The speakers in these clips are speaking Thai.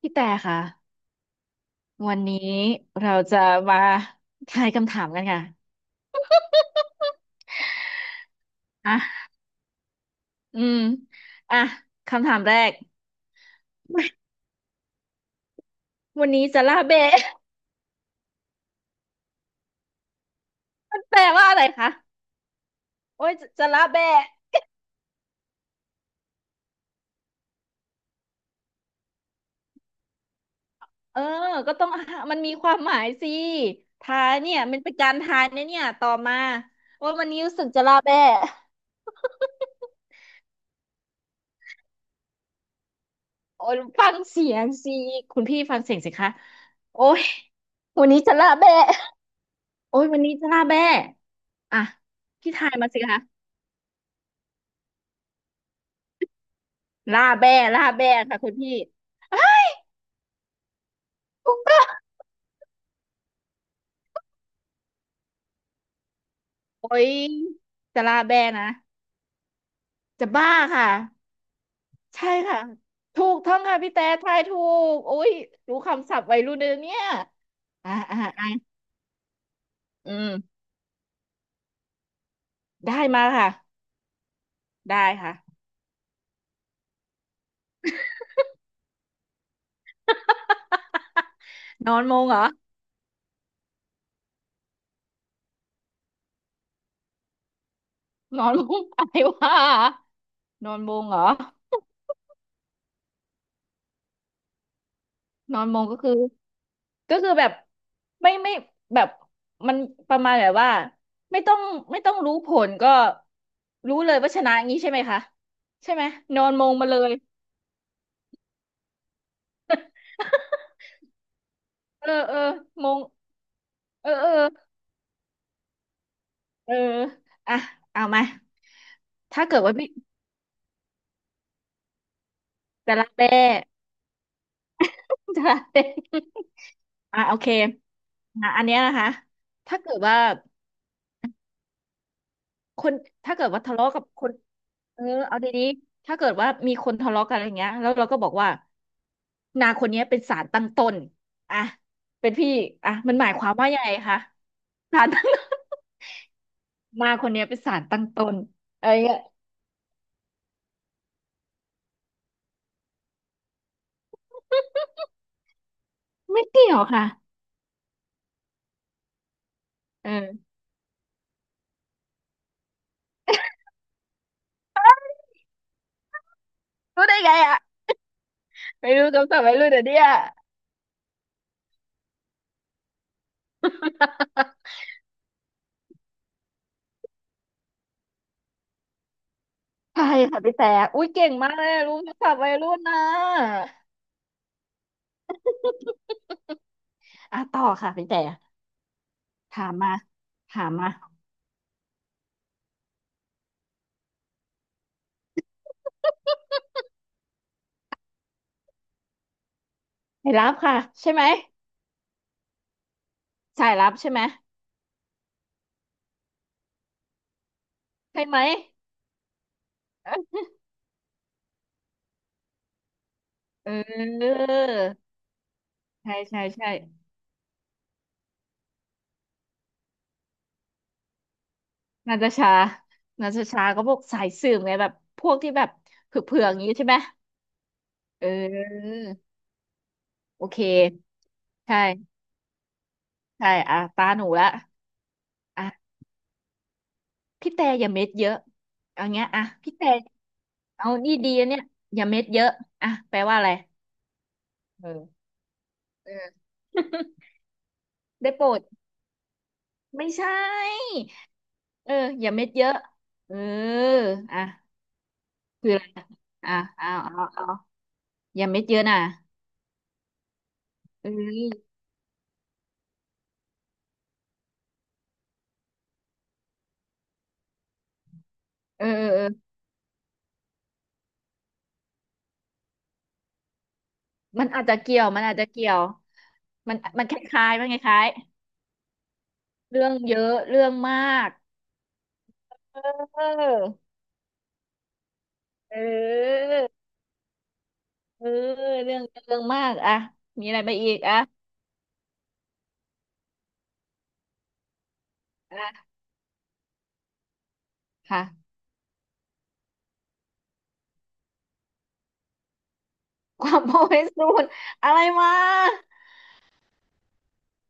พี่แต่ค่ะวันนี้เราจะมาทายคำถามกันค่ะอ่ะอืมอ่ะคำถามแรกวันนี้จะล่าเบะ มัน แปลว่าอะไรคะโอ้ยจะล่าเบะเออก็ต้องอ่ะมันมีความหมายสิทายเนี่ยมันเป็นการทายนะเนี่ยต่อมาว่าวันนี้รู้สึกจะล่าเบะ โอ้ยฟังเสียงสิคุณพี่ฟังเสียงสิคะโอ้ยวันนี้จะล่าเบะโอ้ยวันนี้จะล่าเบะอ่ะพี่ทายมาสิคะ ล่าแบ้ล่าแบ้ค่ะคุณพี่อ้าวคุณป้าโอ้ยจะล่าแบ้นะ จะบ้าค่ะ ใช่ค่ะ ถูกต้องค่ะพี่แต่ทายถูกอุ้ยรู้คำศัพท์วัยรุ่นเลยเนี่ยอ่าอืม ได้มาค่ะ ได้ค่ะ นอนมงเหรอนอนมง อะไรวะนอนมงเหรอนอนมงก็คือ ก็คือแบบไม่แบบมันประมาณแบบว่าไม่ต้องไม่ต้องรู้ผลก็รู้เลยว่าชนะงี้ใช่ไหมคะใช่ไหมนอนมงมาเลยเออเออมงเออเออเอออ่ะเอามาถ้าเกิดว่าพี่จะรักแต่ จะรักแต่อ่ะโอเคอ่ะอันเนี้ยนะคะถ้าเกิดว่า คนถ้าเกิดว่าทะเลาะกับคนเออเอาดีๆถ้าเกิดว่ามีคนทะเลาะกันอะไรเงี้ยแล้วเราก็บอกว่านาคนเนี้ยเป็นสารตั้งต้นอ่ะเป็นพี่อ่ะมันหมายความว่ายังไงคะสารตั้งต้นนาคนเนี้ยเป็นสารตั้งต้นอะไรเงี้ยไม่เกี่ยวค่ะเออรู้ได้ไงอ่ะไม่รู้คำศัพท์วัยรุ่นเดี๋ยวเนี้ย ใช่ค่ะพี่แต่อุ้ยเก่งมากเลยรู้คำศัพท์วัยรุ่นนะอ่ะต่อค่ะพี่แต่ถามมาถามมาไม่รับค่ะใช่ไหม สายลับใช่ไหมใช่ไหมเออใช่นาตาชานาตาชาก็พวกสายสืบไงแบบพวกที่แบบเผือกๆอย่างนี้ใช่ไหมเออโอเคใช่ใช่อ่ะตาหนูละอ่ะพี่แต่อย่าเม็ดเยอะเอาเงี้ยอ่ะพี่แต่เอานี่ดีอะเนี่ยอย่าเม็ดเยอะอ่ะแปลว่าอะไรเออเออ ได้โปรดไม่ใช่เอออย่าเม็ดเยอะเอออ่ะ คืออะไรอะอ่ะเอาอย่าเม็ดเยอะนะเออเออเออเออมันอาจจะเกี่ยว มันอาจจะเกี่ยวมันคล้ายๆมันคล้ายๆเรื่องเยอะเรื่องมากเออเออเออเรื่องเรื่องมากอะมีอะไรไปอีกอะอะค่ะความโปรเป็นศูนย์อะไรวะ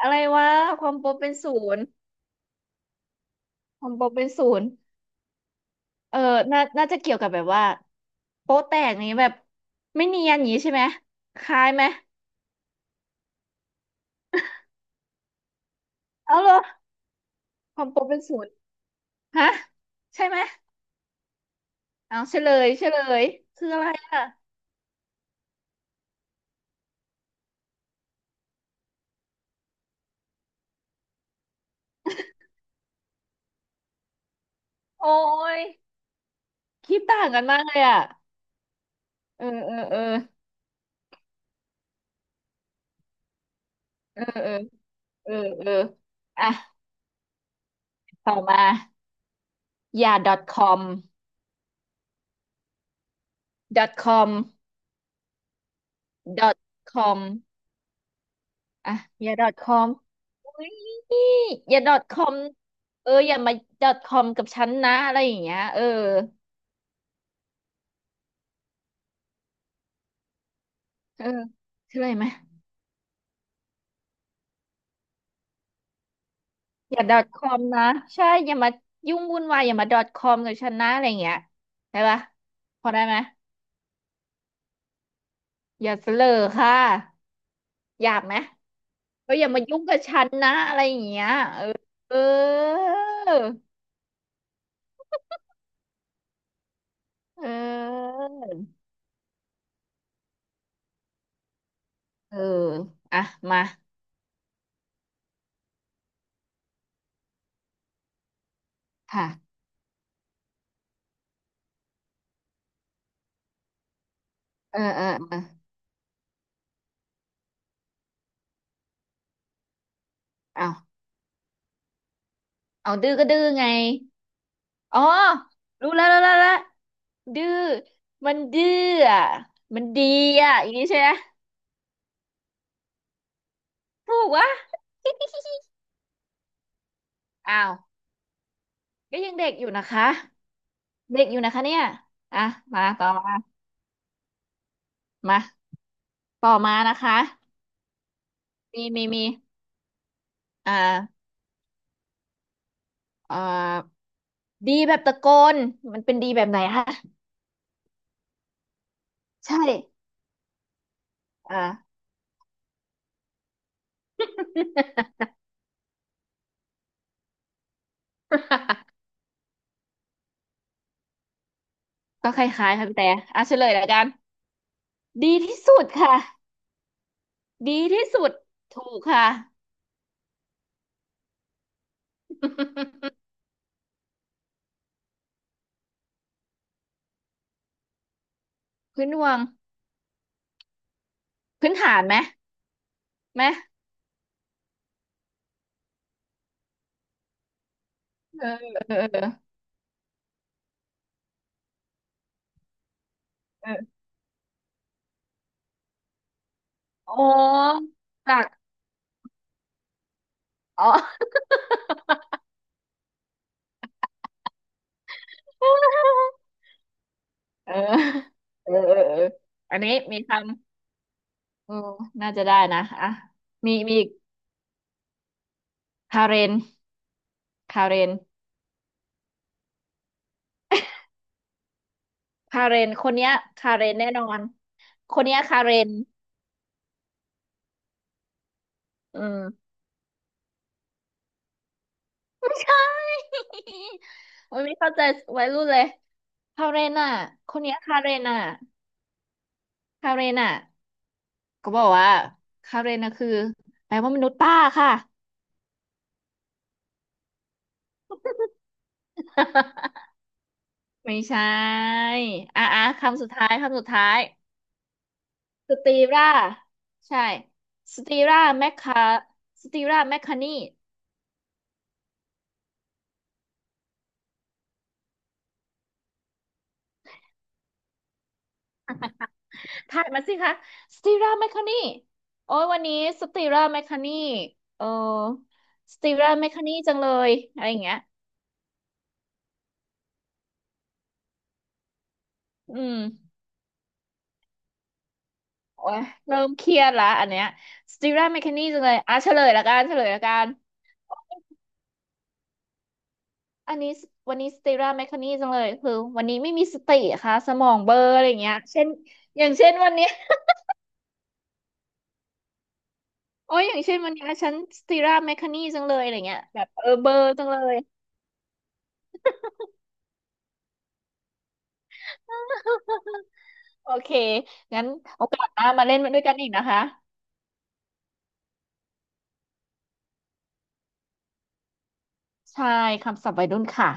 อะไรวะ ความโปรเป็นศูนย์ความโปรเป็นศูนย์ เออน่าจะเกี่ยวกับแบบว่าโป๊ะแตกนี้แบบไม่เนียนอย่างนี้ใช่ไหมคล้ายไหมเอาเหรอความโป๊ะเป็นศูนย์ฮะใช่ไหมเอาเฉลยเฉลยคืออะไรอ่ะโอ้ยคิดต่างกันมากเลยอ่ะเออเออเออเออเออเออเอออ่ะต่อมาอย่า .com .com .com อ่ะอย่า .com อุ้ยอย่า .com เอออย่ามา .com กับฉันนะอะไรอย่างเงี้ยเออ เออชื่ออะไรไหมอย่า .com นะใช่อย่ามายุ่งวุ่นวายอย่ามา .com กับฉันนะอะไรอย่างเงี้ยได้ปะพอได้ไหมอย่าเสลอค่ะหยาบไหมก็ออย่ามายุ่งกับฉันนะอะไรอย่างเงี้ยเออเออเออเอออ่ะมาค่ะเออเออเออเอาเอาดื้อก็ดื้อไงอ๋อรู้แล้วดื้อมันดื้ออ่ะมันดีอ่ะอย่างนี้ใช่ไหม ถูกวะ อ้าว ก็ยังเด็กอยู่นะคะ เด็กอยู่นะคะเนี่ยอ่ะ มาต่อมา มาต่อมานะคะมีอ่าเอ่อดีแบบตะโกนมันเป็นดีแบบไหนคะใช่อ่า ก็คล้ายๆค่ะพี่แต่อ่ะเฉลยแล้วกัน ดีที่สุดค่ะ ดีที่สุด ถูกค่ะพื้นดวงพื้นฐานไหมไหมเออเออเออเอออ๋อจากอ๋อ เออเออเออเอออันนี้มีคำเออน่าจะได้นะอ่ะมีมีอีกคาเรนคาเรนคาเรนคนเนี้ยคาเรนแน่นอนคนเนี้ยคาเรนอืมไม่ใช่ โอ้ยไม่เข้าใจวัยรุ่นเลยคาเรนอ่ะคนเนี้ยคาเรนอ่ะคาเรนอ่ะก็บอกว่าคาเรนอ่ะคือแปลว่ามนุษย์ป้าค่ะ ไม่ใช่อ่ะอ่ะคำสุดท้ายคำสุดท้าย สตีราใช่สตีราแมคคาสตีราแมคคานีถ่ายมาสิคะสตีราแมคคานีโอ้ยวันนี้สตีราแมคคานีเออสตีราแมคคานีจังเลยอะไรอย่างเงี้ยอืมโอ้ยเริ่มเครียดละอันเนี้ยสตีราแมคคานีจังเลยอ่ะเฉลยละกันอันนี้สวันนี้สตีราแมคคานีจังเลยคือวันนี้ไม่มีสติอะค่ะสมองเบลอร์อะไรอย่างเงี้ยเช่นอย่างเช่นวันนี้ โอ้ยอย่างเช่นวันนี้ฉันสตีราแมคคานีจังเลยอะไรเงี้ยแบบเออเบอร์จังเลย โอเคงั้นโอกาสหน้ามาเล่นมันด้วยกันอีกนะคะใช่คำศัพท์วัยรุ่นค่ะ